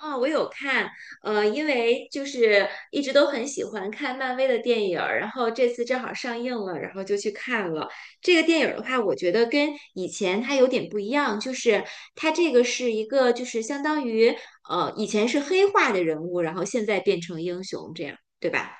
哦，我有看，因为就是一直都很喜欢看漫威的电影儿，然后这次正好上映了，然后就去看了。这个电影儿的话，我觉得跟以前它有点不一样，就是它这个是一个就是相当于以前是黑化的人物，然后现在变成英雄这样，对吧？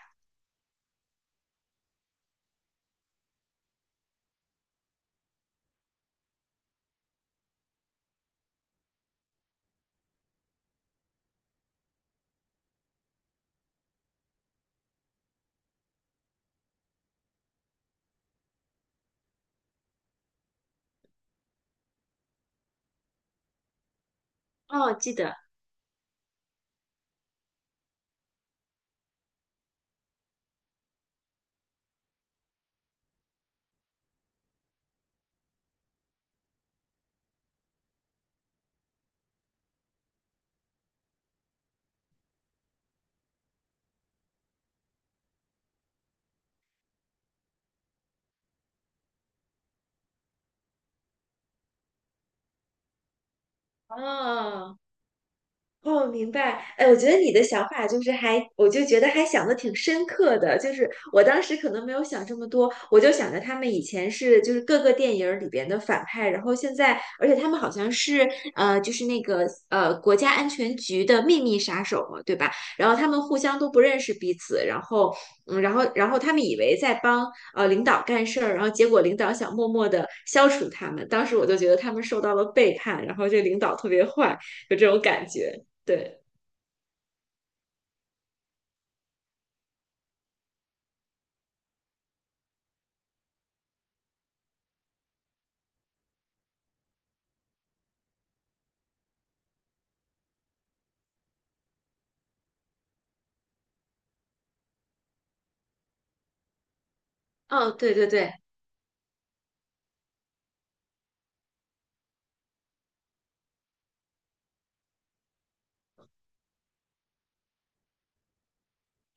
哦，记得。哦。哦，明白。哎，我觉得你的想法就是还，我就觉得还想的挺深刻的。就是我当时可能没有想这么多，我就想着他们以前是就是各个电影儿里边的反派，然后现在，而且他们好像是就是那个国家安全局的秘密杀手嘛，对吧？然后他们互相都不认识彼此，然后嗯，然后他们以为在帮领导干事儿，然后结果领导想默默的消除他们。当时我就觉得他们受到了背叛，然后这领导特别坏，有这种感觉。对。哦，对对对。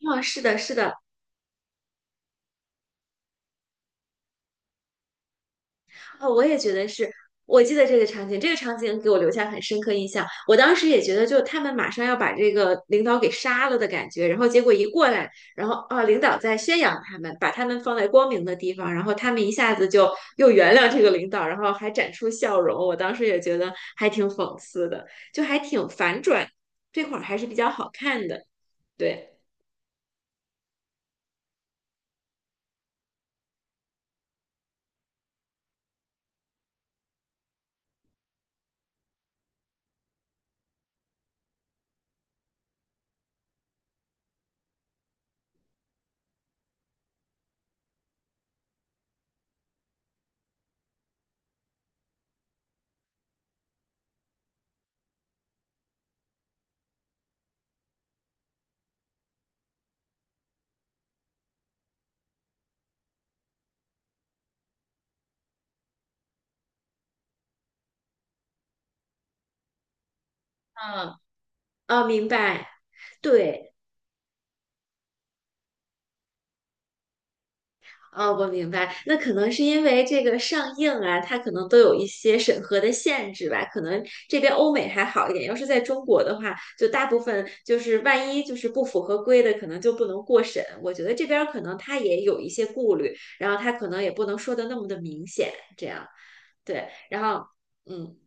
哦，是的，是的。哦，我也觉得是，我记得这个场景，这个场景给我留下很深刻印象。我当时也觉得，就他们马上要把这个领导给杀了的感觉，然后结果一过来，然后啊，领导在宣扬他们，把他们放在光明的地方，然后他们一下子就又原谅这个领导，然后还展出笑容。我当时也觉得还挺讽刺的，就还挺反转，这块儿还是比较好看的。对。嗯。哦，明白。对。哦，我明白，那可能是因为这个上映啊，它可能都有一些审核的限制吧。可能这边欧美还好一点，要是在中国的话，就大部分就是万一就是不符合规的，可能就不能过审。我觉得这边儿可能他也有一些顾虑，然后他可能也不能说的那么的明显，这样。对。然后嗯。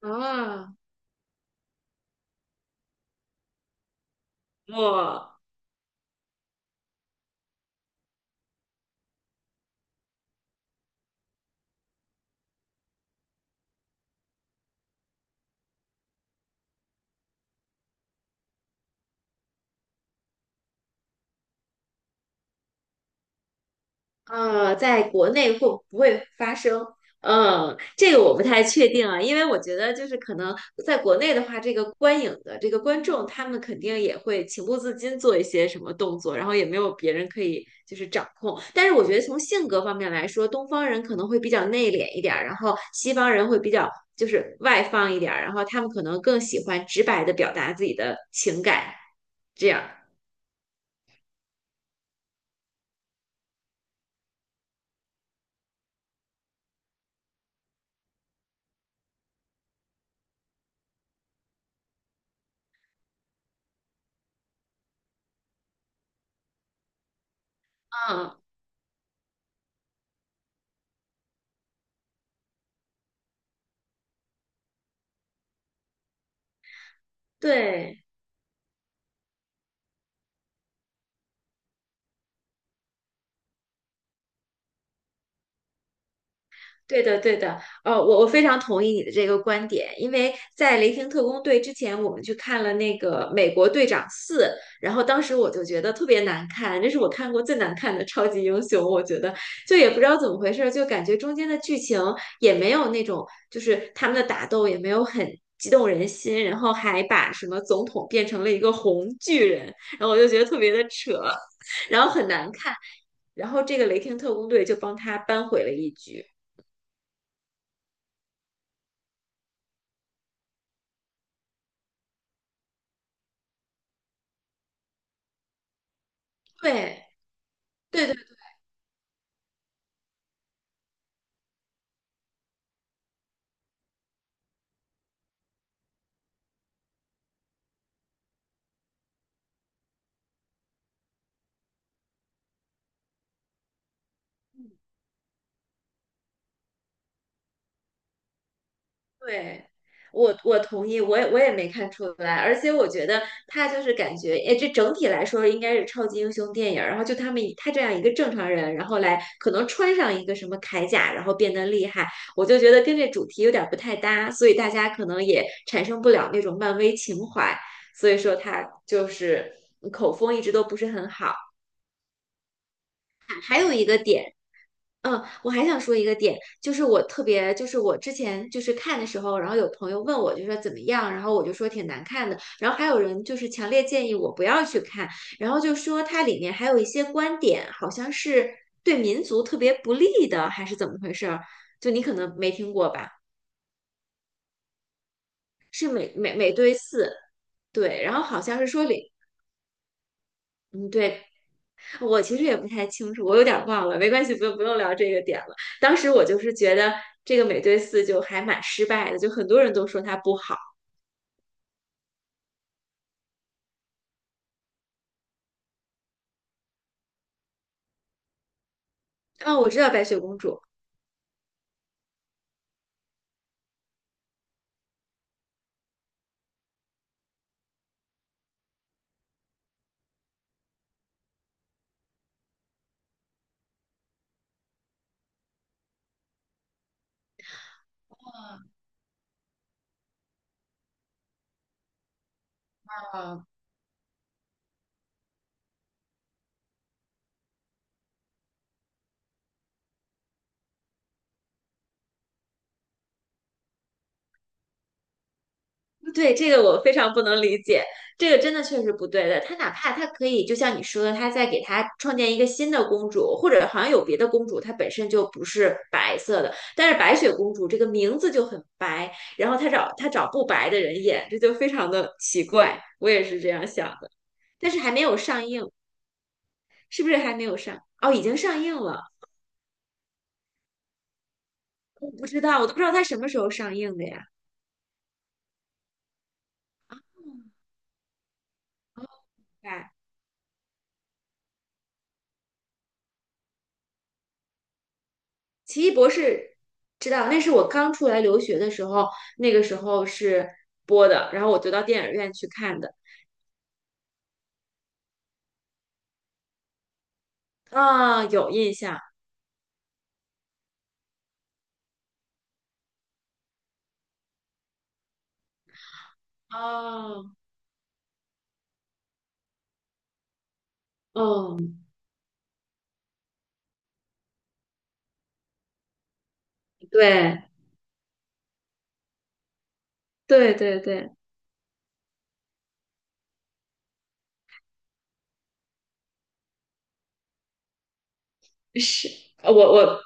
啊。哇。在国内会不会发生？嗯，这个我不太确定啊，因为我觉得就是可能在国内的话，这个观影的这个观众，他们肯定也会情不自禁做一些什么动作，然后也没有别人可以就是掌控。但是我觉得从性格方面来说，东方人可能会比较内敛一点儿，然后西方人会比较就是外放一点儿，然后他们可能更喜欢直白的表达自己的情感，这样。嗯。对。对的，对的，我非常同意你的这个观点，因为在《雷霆特工队》之前，我们去看了那个《美国队长四》，然后当时我就觉得特别难看，这是我看过最难看的超级英雄，我觉得就也不知道怎么回事儿，就感觉中间的剧情也没有那种，就是他们的打斗也没有很激动人心，然后还把什么总统变成了一个红巨人，然后我就觉得特别的扯，然后很难看，然后这个《雷霆特工队》就帮他扳回了一局。对对对对。我同意，我也没看出来，而且我觉得他就是感觉，哎，这整体来说应该是超级英雄电影儿，然后就他们以他这样一个正常人，然后来可能穿上一个什么铠甲，然后变得厉害，我就觉得跟这主题有点儿不太搭，所以大家可能也产生不了那种漫威情怀，所以说他就是口风一直都不是很好。还有一个点。嗯，我还想说一个点，就是我特别，就是我之前就是看的时候，然后有朋友问我，就说怎么样，然后我就说挺难看的，然后还有人就是强烈建议我不要去看，然后就说它里面还有一些观点好像是对民族特别不利的，还是怎么回事儿？就你可能没听过吧？是美队四，对，然后好像是说里，嗯，对，我其实也不太清楚，我有点忘了，没关系，不用聊这个点了。当时我就是觉得这个美队四就还蛮失败的，就很多人都说它不好。啊，我知道白雪公主。啊，对，这个我非常不能理解，这个真的确实不对的。他哪怕他可以，就像你说的，他再给他创建一个新的公主，或者好像有别的公主，她本身就不是白色的，但是白雪公主这个名字就很白，然后他找不白的人演，这就非常的奇怪。我也是这样想的。但是还没有上映。是不是还没有上？哦，已经上映了。我不知道，我都不知道它什么时候上映的呀。哦。哎。奇异博士，知道，那是我刚出来留学的时候，那个时候是播的，然后我就到电影院去看的。啊、有印象。哦。哦，对，对对对。是。我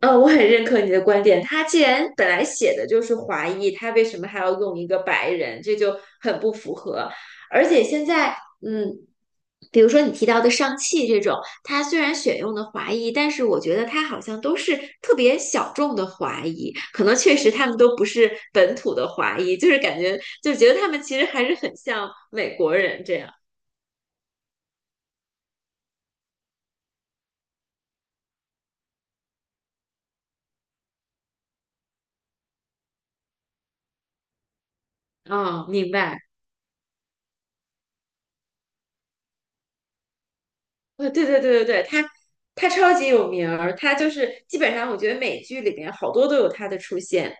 我很认可你的观点。他既然本来写的就是华裔，他为什么还要用一个白人？这就很不符合。而且现在嗯，比如说你提到的上汽这种，它虽然选用的华裔，但是我觉得它好像都是特别小众的华裔，可能确实他们都不是本土的华裔，就是感觉就觉得他们其实还是很像美国人这样。嗯，明白。对对对对对，他超级有名儿，他就是基本上我觉得美剧里边好多都有他的出现。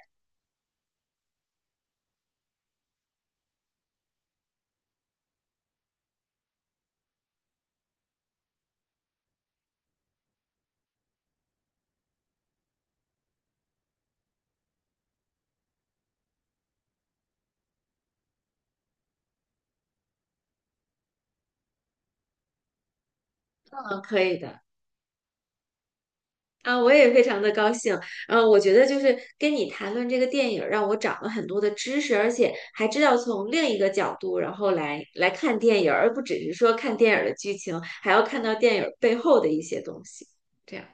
嗯，可以的。啊，我也非常的高兴。嗯，我觉得就是跟你谈论这个电影儿让我长了很多的知识，而且还知道从另一个角度，然后来看电影儿，而不只是说看电影儿的剧情，还要看到电影儿背后的一些东西。这样。